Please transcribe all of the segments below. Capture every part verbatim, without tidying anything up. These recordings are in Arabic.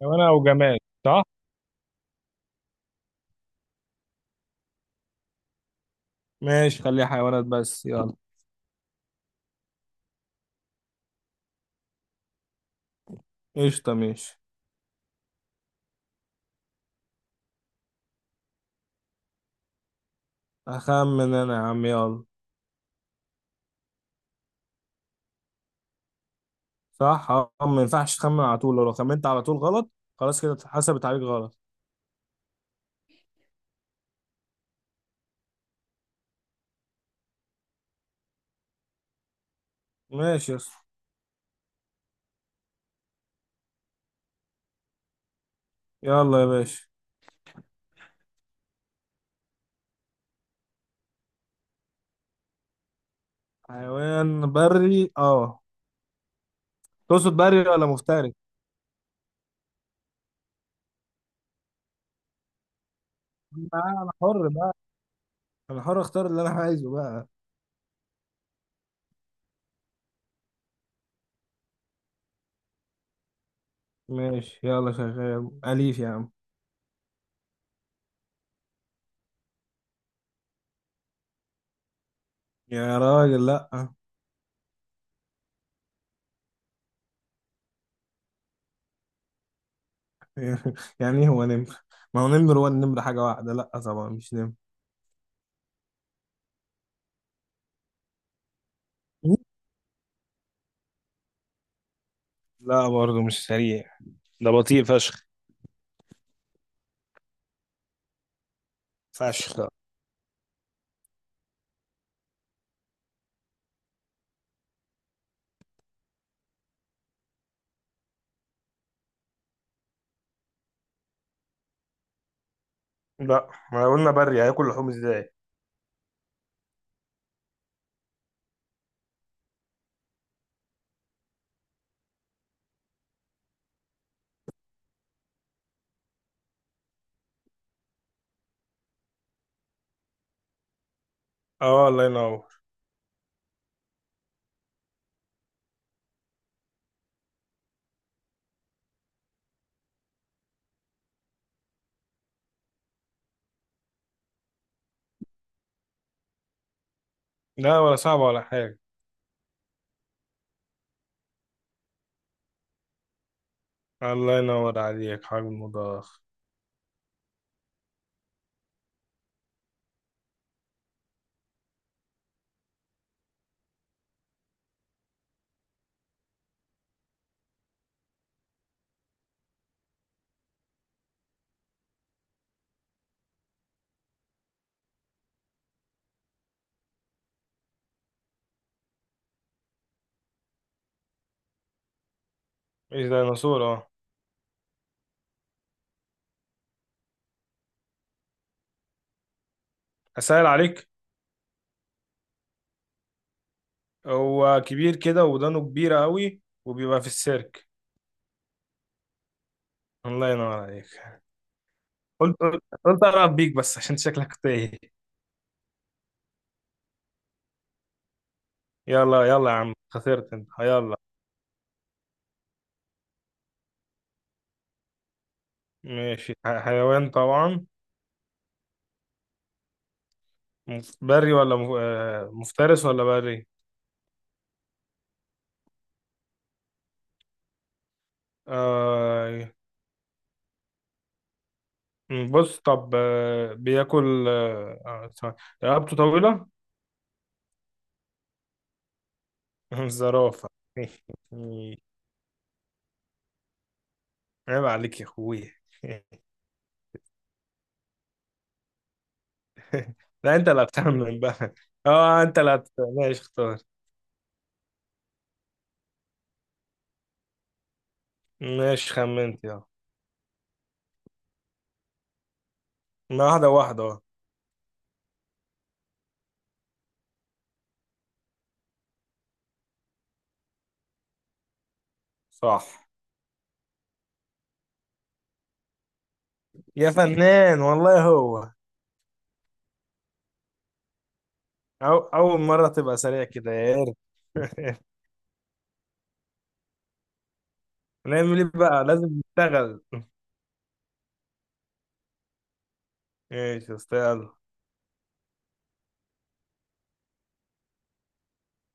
حيوانة أو جماد صح؟ ماشي، خليها حيوانات بس يلا. قشطة ماشي. أخمن أنا يا عم يلا. صح؟ أه، ما ينفعش تخمن على طول، لو خمنت على طول غلط خلاص كده اتحسبت عليك غلط. ماشي يا اسطى. يلا يا باشا. حيوان بري أه. تقصد بري ولا مفترس؟ لا، أنا حر بقى. أنا حر أختار اللي أنا عايزه بقى. ماشي يلا، شغال أليف يا عم. يا راجل لأ. يعني إيه هو نمر؟ ما هو نمر، هو النمر حاجة واحدة، لأ طبعا مش نمر. لا برضه مش سريع، ده بطيء فشخ. فشخ. لا، ما قلنا بري، هياكل لحوم ازاي. اه، الله ينور. لا، ولا صعب ولا حاجة. الله ينور عليك، حجم مضخ. ايش ديناصور اه. اسهل عليك. هو كبير كده، ودانه كبيرة قوي، وبيبقى في السيرك. الله ينور عليك. قلت قلت قلت أقرب بيك بس عشان شكلك تايه. يلا يلا يا عم، خسرت انت يلا. ماشي، ح- حيوان طبعا. مف- بري ولا مف- آه، مفترس ولا بري. آه. مم، بص طب، آه، بياكل، آه، آه، ثواني. رقبته طويلة. زرافة. عيب عليك يا اخويا. لا، انت اللي هتخمن بقى. اه، انت اللي هت... ماشي اختار. ماشي خمنت يلا. ما واحدة واحدة اه. صح. يا فنان والله هو. أو... أول مرة تبقى سريع كده يا قرد. نعمل ايه بقى، لازم نشتغل. ماشي يا اسطى يلا.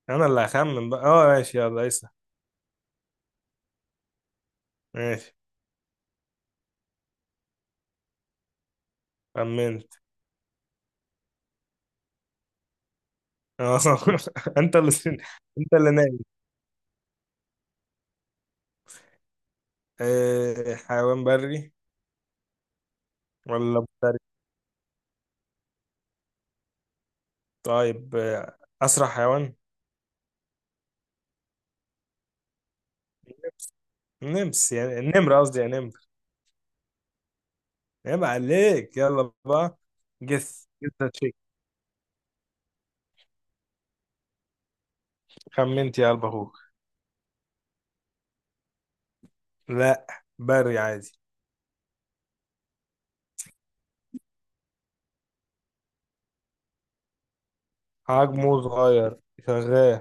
انا اللي هخمن بقى، اه ماشي يلا اسأل. ماشي خمنت. اه. انت اللي انت اللي نايم. آه، حيوان بري ولا مفترس؟ طيب، آه، اسرع حيوان. نمس. نمس يعني النمر، قصدي يا نمر. عيب عليك يلا بقى. جس جس تشيك. خمنت يا قلب اخوك. لا، بري عادي. حجمه صغير. شغال.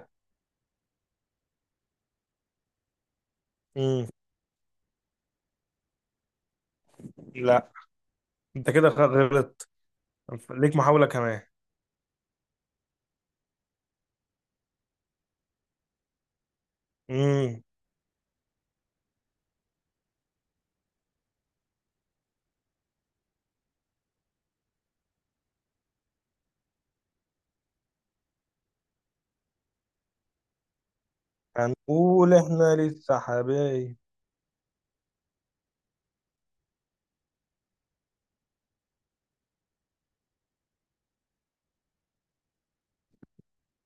امم لا، انت كده خ- غلطت. ليك محاولة كمان. امم هنقول احنا لسه حبايب.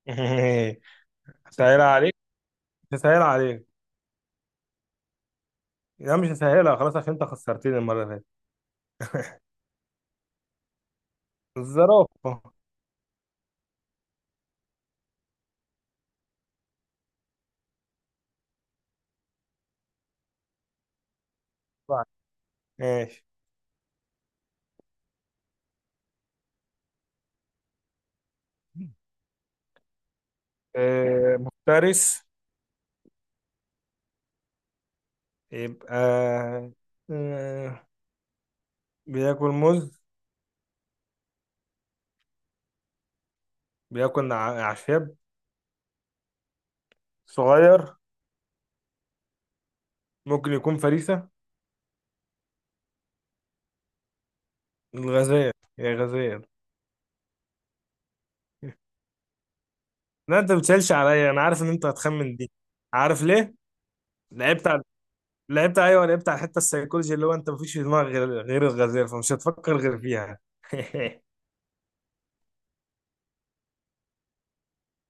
سهل عليك. سهل عليك. لا، مش هسهلها خلاص عشان انت خسرتني المرة اللي فاتت. الزرافة. طيب، ماشي. آه، مفترس. يبقى آه، بياكل موز. بياكل ع- أعشاب. صغير. ممكن يكون فريسة. الغزال. يا غزال. لا، انت بتسالش عليا، انا عارف ان انت هتخمن دي. عارف ليه. لعبت على لعبت، ايوه لعبت على الحته السيكولوجي اللي هو انت مفيش في دماغك غير غير الغزال، فمش هتفكر غير فيها.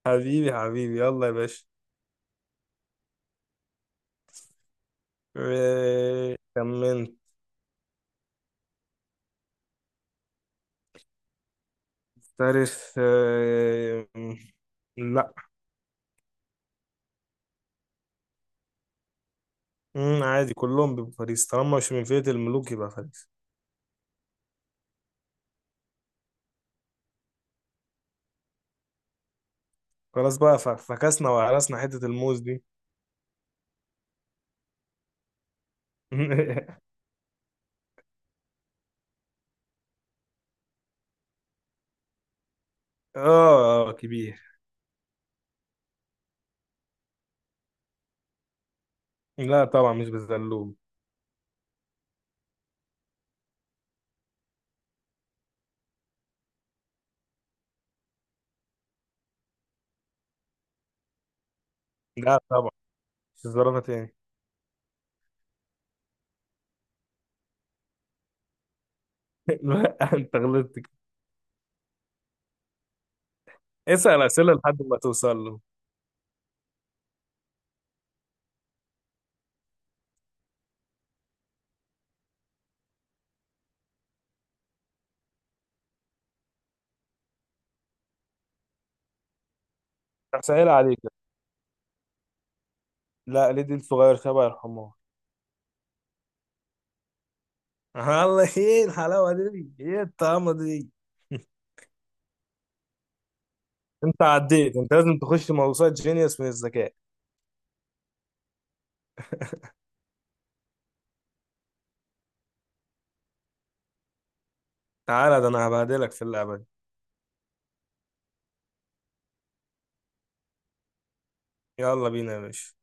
حبيبي حبيبي يلا يا باشا. آه، كمنت. تاريخ آه، م- لا. مم، عادي، كلهم بيبقوا فريسة، طالما مش من فئة الملوك يبقى فريسة. خلاص بقى، ف- فكسنا وهرسنا حتة الموز دي. اه آه، كبير. لا طبعا مش بالزلوم. لا طبعا مش الزرافة تاني. لا، انت غلطت كده. اسأل أسئلة لحد ما توصل له. هسهل عليك. لا، ليه دي الصغير شبه الحمار. الله، ايه الحلاوة دي، ايه الطعمة دي. انت عديت، انت لازم تخش موسوعة جينيوس من الذكاء. تعالى، ده انا هبهدلك في اللعبة دي. يلا بينا يا باشا.